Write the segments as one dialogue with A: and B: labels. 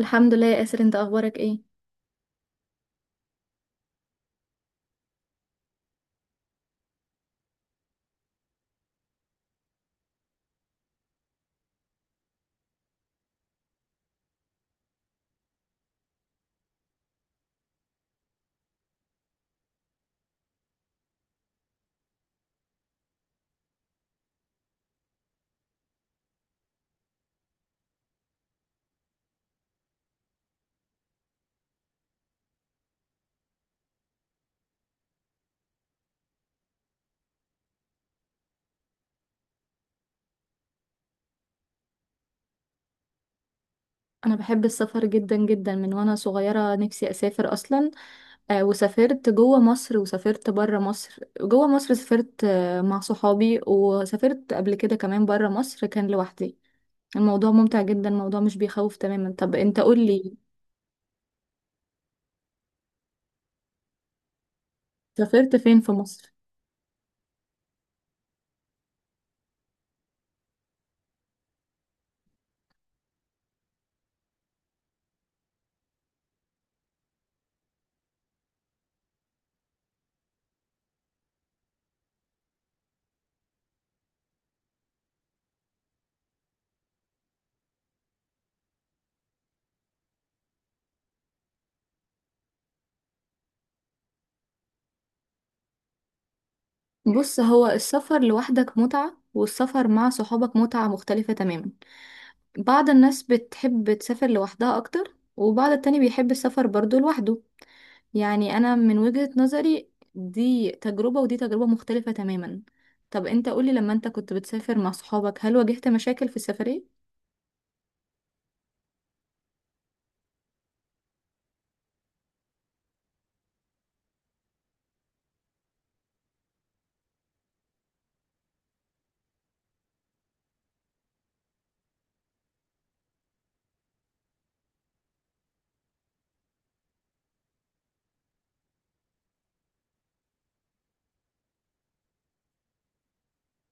A: الحمد لله يا ياسر، انت اخبارك ايه؟ انا بحب السفر جدا جدا من وانا صغيره، نفسي اسافر اصلا. وسافرت جوه مصر وسافرت بره مصر. جوه مصر سافرت مع صحابي، وسافرت قبل كده كمان بره مصر كان لوحدي. الموضوع ممتع جدا، الموضوع مش بيخوف تماما. طب انت قول لي، سافرت فين في مصر؟ بص، هو السفر لوحدك متعه والسفر مع صحابك متعه مختلفه تماما. بعض الناس بتحب تسافر لوحدها اكتر وبعض التاني بيحب السفر برضو لوحده. يعني انا من وجهة نظري دي تجربة ودي تجربة مختلفة تماما. طب انت قولي، لما انت كنت بتسافر مع صحابك هل واجهت مشاكل في السفرية؟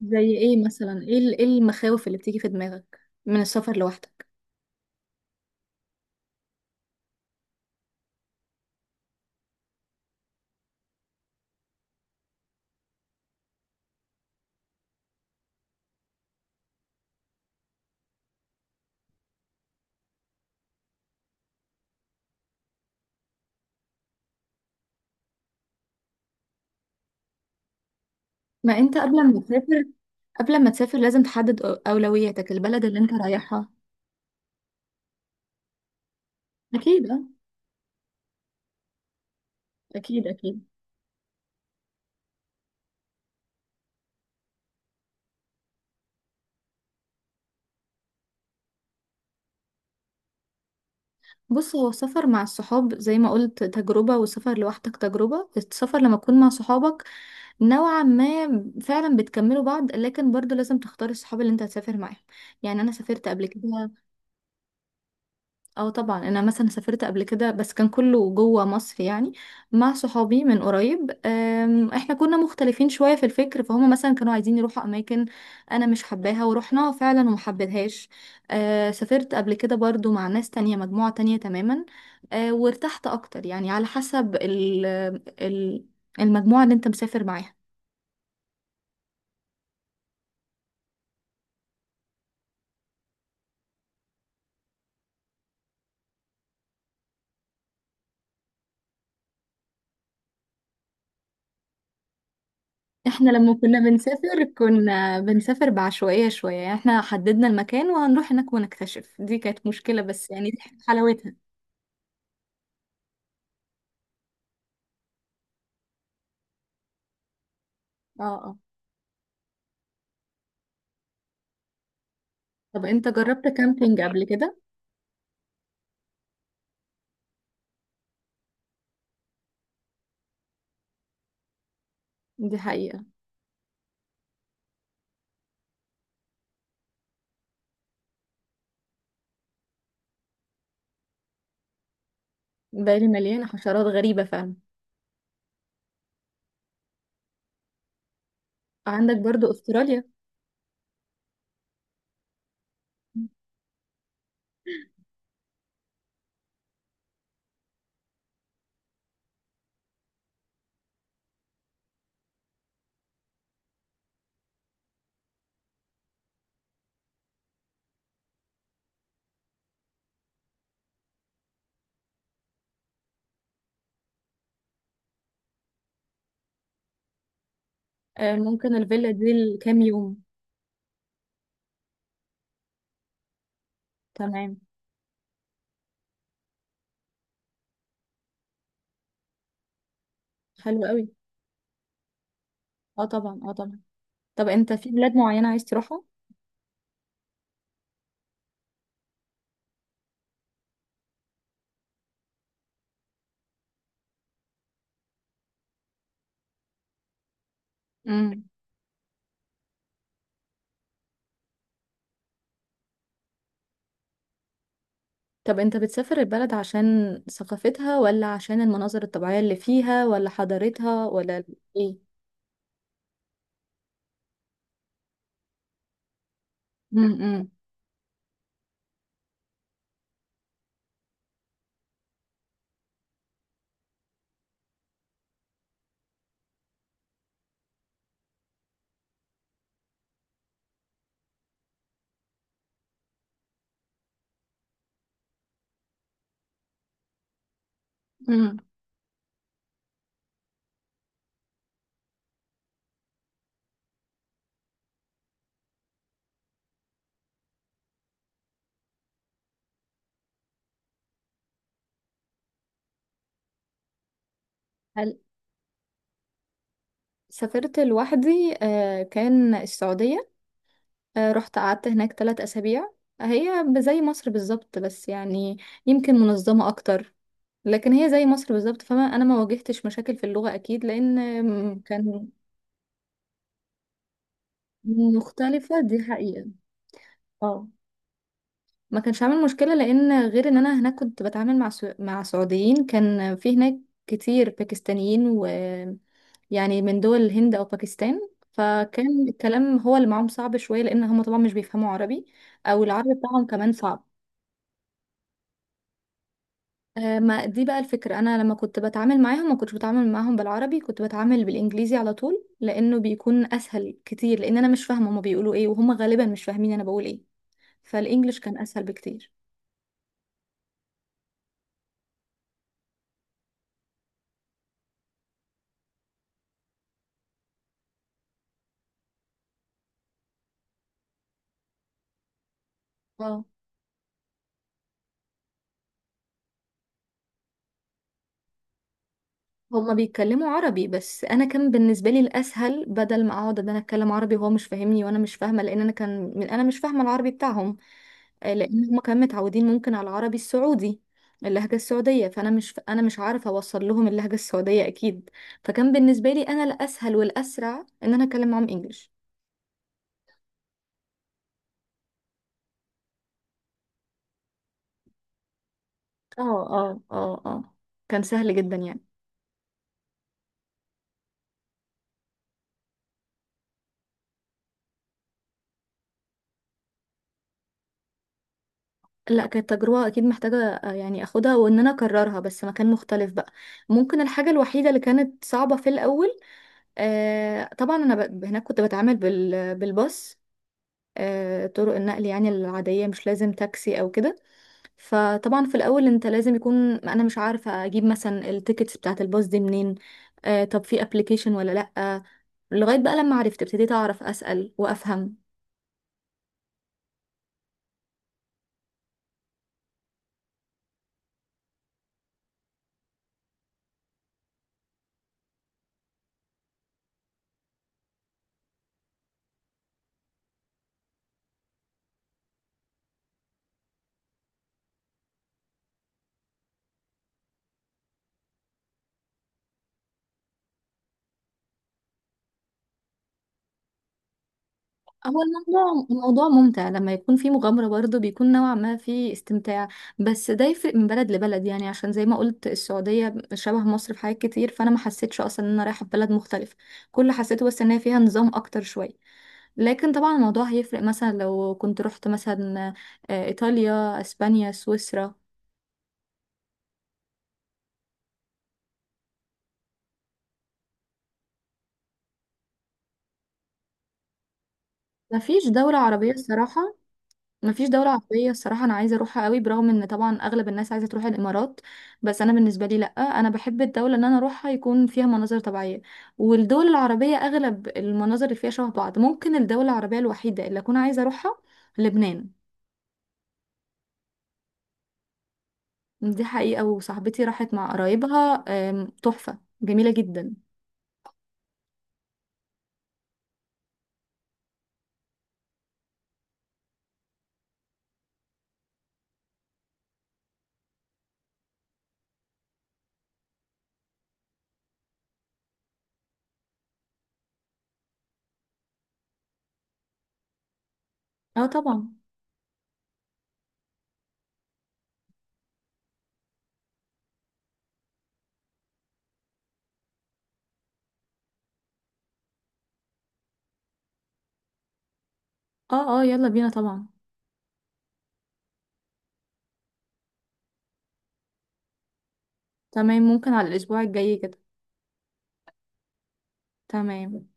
A: زي ايه مثلا؟ إيه المخاوف اللي بتيجي في دماغك من السفر لوحدك؟ ما انت قبل ما تسافر لازم تحدد اولوياتك، البلد اللي انت رايحها. اكيد، اه. اكيد، اكيد. بص، هو السفر مع الصحاب زي ما قلت تجربة، والسفر لوحدك تجربة. السفر لما تكون مع صحابك نوعا ما فعلا بتكملوا بعض، لكن برضو لازم تختاري الصحاب اللي انت هتسافر معاهم. يعني انا سافرت قبل كده. اه طبعا، انا مثلا سافرت قبل كده بس كان كله جوه مصر يعني، مع صحابي من قريب. احنا كنا مختلفين شوية في الفكر، فهم مثلا كانوا عايزين يروحوا اماكن انا مش حباها ورحناها فعلا وما حبيتهاش. سافرت قبل كده برضو مع ناس تانية، مجموعة تانية تماما. وارتحت اكتر، يعني على حسب ال- المجموعة اللي انت مسافر معاها. احنا لما كنا بنسافر كنا بنسافر بعشوائية شوية، يعني احنا حددنا المكان وهنروح هناك ونكتشف. دي كانت مشكلة بس يعني دي حلاوتها. اه، اه. طب انت جربت كامبينج قبل كده؟ دي حقيقة. بالي مليانة حشرات غريبة فعلا. عندك برضو استراليا. ممكن الفيلا دي لكام يوم؟ تمام. حلو قوي. اه طبعا، اه طبعا. طب انت في بلاد معينة عايز تروحها؟ طب انت بتسافر البلد عشان ثقافتها ولا عشان المناظر الطبيعية اللي فيها ولا حضارتها ولا ايه؟ امم. امم. هل سافرت لوحدي؟ آه، كان السعودية. رحت قعدت هناك 3 أسابيع. هي زي مصر بالظبط، بس يعني يمكن منظمة أكتر. لكن هي زي مصر بالظبط فما أنا ما واجهتش مشاكل في اللغة أكيد، لأن كان مختلفة دي حقيقة. اه، ما كانش عامل مشكلة لأن غير إن أنا هناك كنت بتعامل مع مع سعوديين. كان في هناك كتير باكستانيين، و يعني من دول الهند أو باكستان. فكان الكلام هو اللي معاهم صعب شوية لأن هم طبعا مش بيفهموا عربي، أو العربي بتاعهم كمان صعب. ما دي بقى الفكرة، أنا لما كنت بتعامل معاهم ما كنتش بتعامل معاهم بالعربي، كنت بتعامل بالإنجليزي على طول لأنه بيكون أسهل كتير، لأن أنا مش فاهمة هما بيقولوا إيه وهم غالبا مش فاهمين أنا بقول إيه. فالإنجليش كان أسهل بكتير. اه، هما بيتكلموا عربي بس انا كان بالنسبه لي الاسهل، بدل ما اقعد ان انا اتكلم عربي وهو مش فاهمني وانا مش فاهمه، لان انا كان من انا مش فاهمه العربي بتاعهم. لان هما كانوا متعودين ممكن على العربي السعودي، اللهجه السعوديه. فانا مش، انا مش عارفه اوصل لهم اللهجه السعوديه اكيد. فكان بالنسبه لي انا الاسهل والاسرع ان انا اتكلم معاهم انجليش. اه، اه، اه، اه. كان سهل جدا يعني. لا، كانت تجربة أكيد محتاجة، يعني أخدها، وإن أنا أكررها بس مكان مختلف بقى. ممكن الحاجة الوحيدة اللي كانت صعبة في الأول، آه طبعا انا هناك كنت بتعامل بالباص. طرق النقل يعني العادية، مش لازم تاكسي او كده. فطبعا في الاول انت لازم يكون، انا مش عارفة اجيب مثلا التيكتس بتاعة الباص دي منين، طب في ابلكيشن ولا لأ. لغاية بقى لما عرفت ابتديت اعرف اسأل وافهم. هو الموضوع ممتع لما يكون في مغامرة برضه، بيكون نوعا ما في استمتاع. بس ده يفرق من بلد لبلد، يعني عشان زي ما قلت السعودية شبه مصر في حاجات كتير، فأنا ما حسيتش أصلا إن أنا رايحة في بلد مختلف. كل اللي حسيته بس إن هي فيها نظام أكتر شوية. لكن طبعا الموضوع هيفرق مثلا لو كنت رحت مثلا إيطاليا أسبانيا سويسرا. مفيش دولة عربية الصراحة. مفيش دولة عربية الصراحة، أنا عايزة أروحها قوي برغم إن طبعا أغلب الناس عايزة تروح الإمارات. بس أنا بالنسبة لي لأ، أنا بحب الدولة إن أنا أروحها يكون فيها مناظر طبيعية. والدول العربية أغلب المناظر اللي فيها شبه بعض. ممكن الدولة العربية الوحيدة اللي أكون عايزة أروحها لبنان. دي حقيقة، وصاحبتي راحت مع قرايبها، تحفة جميلة جدا. اه طبعا. اه، اه، يلا بينا طبعا. تمام، ممكن على الأسبوع الجاي كده. تمام.